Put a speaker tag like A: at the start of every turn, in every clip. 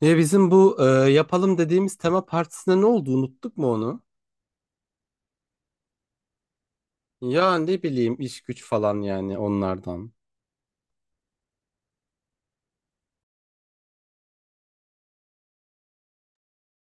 A: Ya bizim bu yapalım dediğimiz tema partisine ne oldu? Unuttuk mu onu? Ya ne bileyim iş güç falan yani onlardan.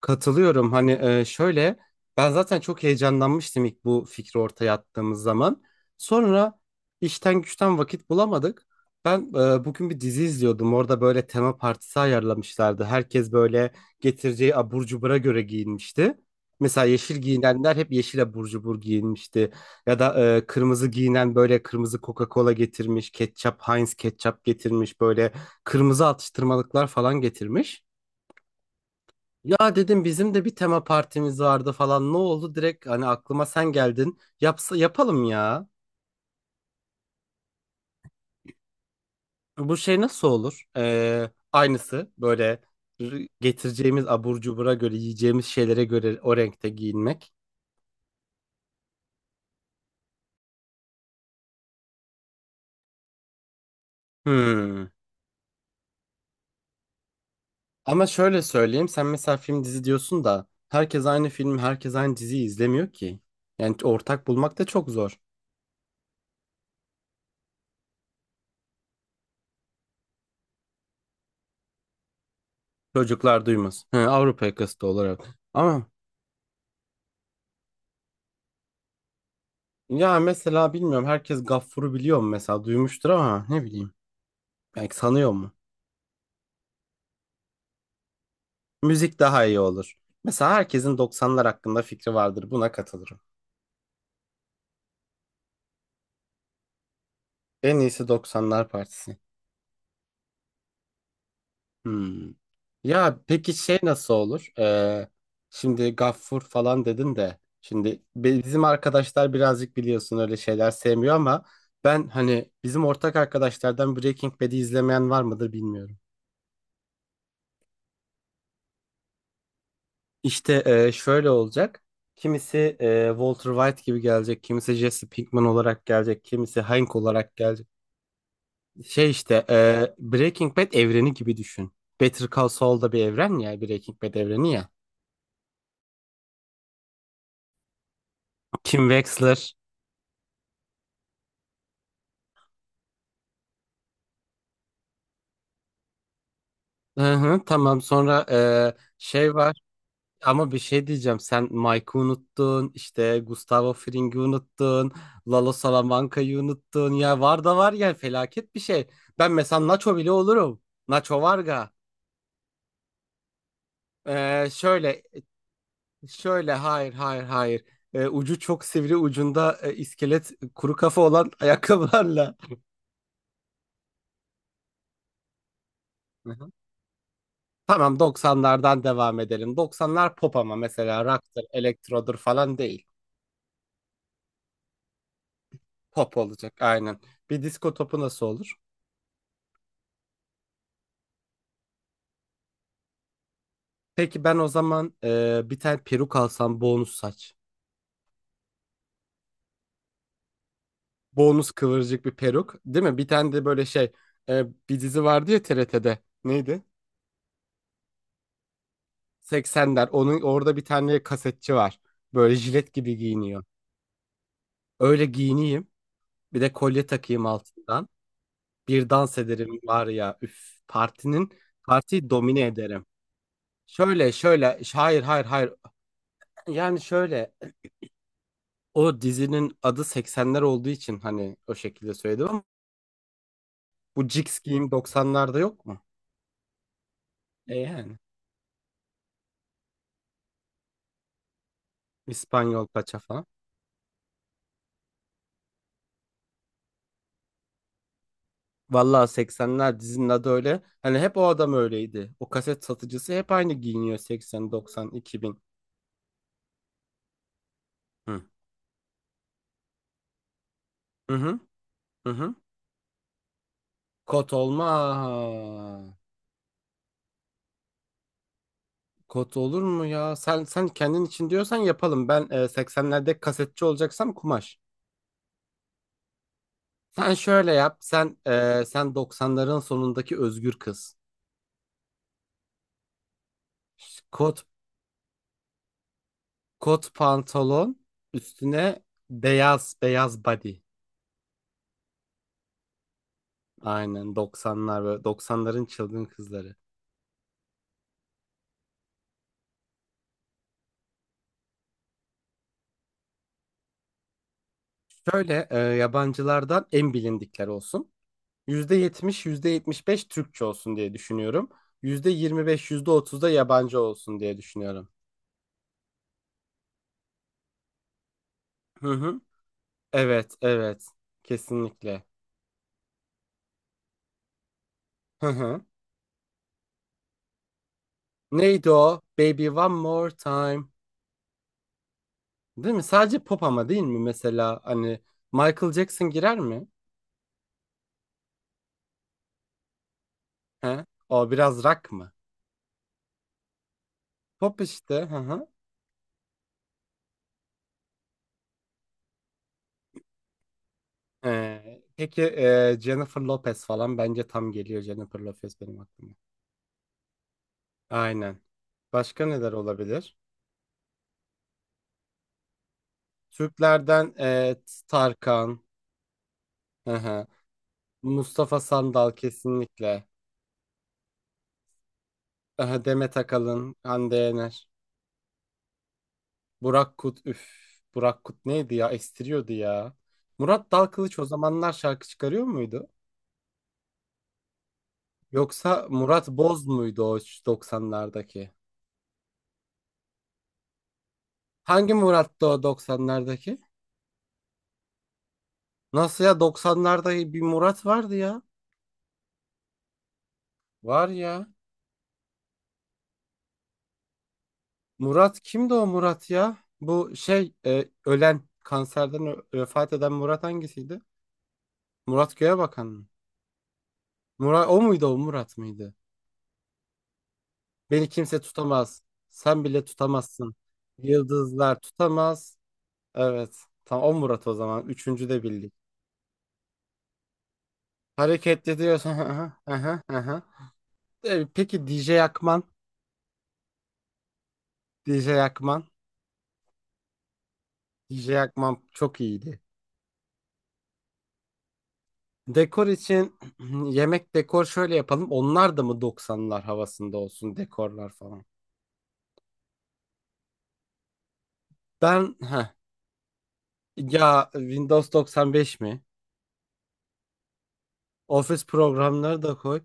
A: Katılıyorum. Hani şöyle ben zaten çok heyecanlanmıştım ilk bu fikri ortaya attığımız zaman. Sonra işten güçten vakit bulamadık. Ben bugün bir dizi izliyordum. Orada böyle tema partisi ayarlamışlardı. Herkes böyle getireceği abur cubura göre giyinmişti. Mesela yeşil giyinenler hep yeşil abur cubur giyinmişti. Ya da kırmızı giyinen böyle kırmızı Coca-Cola getirmiş, ketçap, Heinz ketçap getirmiş, böyle kırmızı atıştırmalıklar falan getirmiş. Ya dedim bizim de bir tema partimiz vardı falan ne oldu direkt hani aklıma sen geldin yapsa yapalım ya bu şey nasıl olur. Aynısı böyle getireceğimiz abur cubura göre yiyeceğimiz şeylere göre o renkte giyinmek. Hmm. Ama şöyle söyleyeyim sen mesela film dizi diyorsun da herkes aynı film herkes aynı diziyi izlemiyor ki yani ortak bulmak da çok zor. Çocuklar duymaz. Hı, Avrupa yakası da olarak ama. Ya mesela bilmiyorum herkes Gaffur'u biliyor mu mesela duymuştur ama ne bileyim belki sanıyor mu? Müzik daha iyi olur. Mesela herkesin 90'lar hakkında fikri vardır buna katılırım. En iyisi 90'lar partisi. Hmm. Ya peki şey nasıl olur? Şimdi Gaffur falan dedin de şimdi bizim arkadaşlar birazcık biliyorsun öyle şeyler sevmiyor ama ben hani bizim ortak arkadaşlardan Breaking Bad'i izlemeyen var mıdır bilmiyorum. İşte şöyle olacak. Kimisi Walter White gibi gelecek, kimisi Jesse Pinkman olarak gelecek, kimisi Hank olarak gelecek. Şey işte Breaking Bad evreni gibi düşün. Better Call Saul da bir evren ya, Breaking Bad evreni ya. Kim Wexler. Hı hı, tamam sonra şey var ama bir şey diyeceğim. Sen Mike'ı unuttun, işte Gustavo Fring'i unuttun, Lalo Salamanca'yı unuttun. Ya var da var ya felaket bir şey. Ben mesela Nacho bile olurum. Nacho Varga. Şöyle, şöyle, hayır, hayır, hayır. Ucu çok sivri, ucunda iskelet, kuru kafa olan ayakkabılarla. Hı hı. Tamam, 90'lardan devam edelim. 90'lar pop ama mesela rock'tır, elektrodur falan değil. Pop olacak, aynen. Bir disko topu nasıl olur? Peki ben o zaman bir tane peruk alsam, bonus saç. Bonus kıvırcık bir peruk, değil mi? Bir tane de böyle şey, bir dizi vardı ya TRT'de. Neydi? 80'ler. Onun orada bir tane kasetçi var. Böyle jilet gibi giyiniyor. Öyle giyineyim. Bir de kolye takayım altından. Bir dans ederim var ya. Üf, partiyi domine ederim. Hayır, hayır, hayır. Yani şöyle o dizinin adı 80'ler olduğu için hani o şekilde söyledim ama bu Jigs giyim 90'larda yok mu? Yani İspanyol paça falan. Vallahi 80'ler dizinin adı öyle. Hani hep o adam öyleydi. O kaset satıcısı hep aynı giyiniyor 80, 90, 2000. Hı. Hı hı. Hı hı. Kot olma. Kot olur mu ya? Sen kendin için diyorsan yapalım. Ben 80'lerde kasetçi olacaksam kumaş. Sen şöyle yap. Sen 90'ların sonundaki özgür kız. Kot kot pantolon üstüne beyaz beyaz body. Aynen 90'lar ve 90'ların çılgın kızları. Şöyle yabancılardan en bilindikler olsun. Yüzde yetmiş yüzde yetmiş beş Türkçe olsun diye düşünüyorum. %25 %30 da yabancı olsun diye düşünüyorum. Hı hı. Evet, evet. Kesinlikle. Hı hı. Neydi o? Baby One More Time. Değil mi? Sadece pop ama değil mi? Mesela hani Michael Jackson girer mi? He? O biraz rock mı? Pop işte. Hı hı. Peki Jennifer Lopez falan bence tam geliyor, Jennifer Lopez benim aklıma. Aynen. Başka neler olabilir? Türklerden evet, Tarkan, hı hı. Mustafa Sandal kesinlikle. Aha, Demet Akalın, Hande Yener, Burak Kut, üf. Burak Kut neydi ya? Estiriyordu ya. Murat Dalkılıç o zamanlar şarkı çıkarıyor muydu? Yoksa Murat Boz muydu o 90'lardaki? Hangi Murat'tı o 90'lardaki? Nasıl ya 90'larda bir Murat vardı ya. Var ya. Murat kimdi o Murat ya? Bu şey ölen kanserden vefat eden Murat hangisiydi? Murat Göğebakan mı? Murat o muydu o Murat mıydı? Beni kimse tutamaz. Sen bile tutamazsın. Yıldızlar tutamaz. Evet. Tamam o Murat o zaman. Üçüncü de bildik. Hareketli diyorsun. Aha, aha, aha. Peki DJ Akman. DJ Akman. DJ Akman çok iyiydi. Dekor için yemek dekor şöyle yapalım. Onlar da mı 90'lar havasında olsun dekorlar falan. Ben heh, ya Windows 95 mi? Office programları da koy.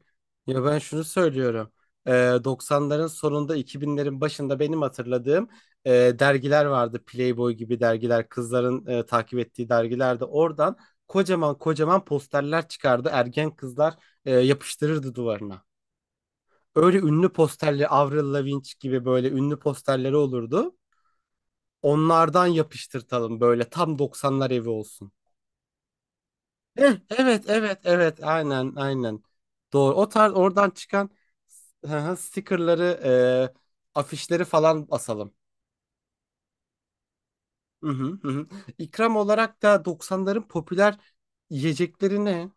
A: Ya ben şunu söylüyorum. Ee, 90'ların sonunda 2000'lerin başında benim hatırladığım e, dergiler vardı. Playboy gibi dergiler, kızların takip ettiği dergilerde oradan kocaman kocaman posterler çıkardı. Ergen kızlar yapıştırırdı duvarına. Öyle ünlü posterli Avril Lavigne gibi böyle ünlü posterleri olurdu. Onlardan yapıştırtalım böyle tam 90'lar evi olsun. Heh, evet, evet, evet, aynen, aynen. Doğru. O tarz oradan çıkan, hı hı, stickerları, afişleri falan asalım. Hı hı, hı hı. İkram olarak da 90'ların popüler yiyecekleri ne?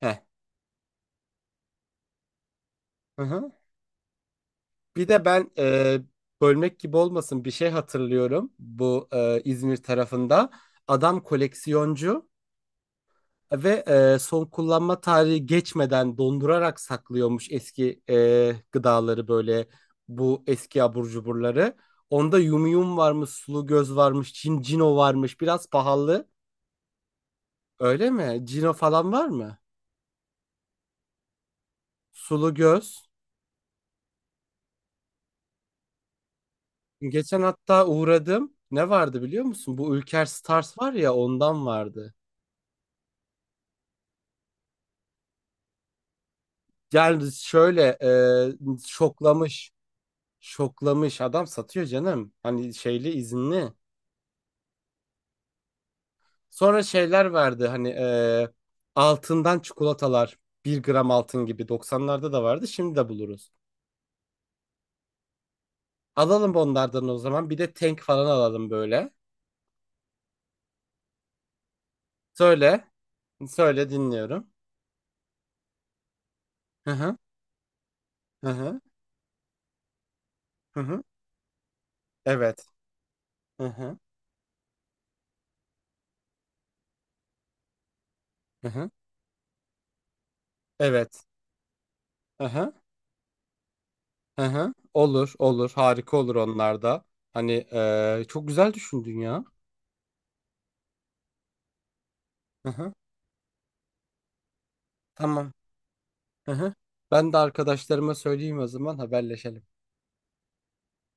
A: Heh. Hı hı. Bir de ben bölmek gibi olmasın bir şey hatırlıyorum, bu İzmir tarafında. Adam koleksiyoncu ve son kullanma tarihi geçmeden dondurarak saklıyormuş eski gıdaları, böyle bu eski abur cuburları. Onda yumyum varmış, sulu göz varmış, cino varmış. Biraz pahalı. Öyle mi? Cino falan var mı? Sulu göz. Geçen hatta uğradım. Ne vardı biliyor musun? Bu Ülker Stars var ya, ondan vardı. Yani şöyle e, şoklamış şoklamış adam satıyor canım. Hani şeyli izinli. Sonra şeyler verdi hani, altından çikolatalar. Bir gram altın gibi. 90'larda da vardı, şimdi de buluruz. Alalım onlardan o zaman, bir de tank falan alalım böyle. Söyle, söyle, dinliyorum. Hı hı, hı hı, hı hı. Evet. Hı hı, hı hı. Evet. Hı hı, hı hı. Olur, olur, harika olur onlar da. Hani çok güzel düşündün ya. Hı hı. Tamam. Hı hı. Ben de arkadaşlarıma söyleyeyim o zaman, haberleşelim.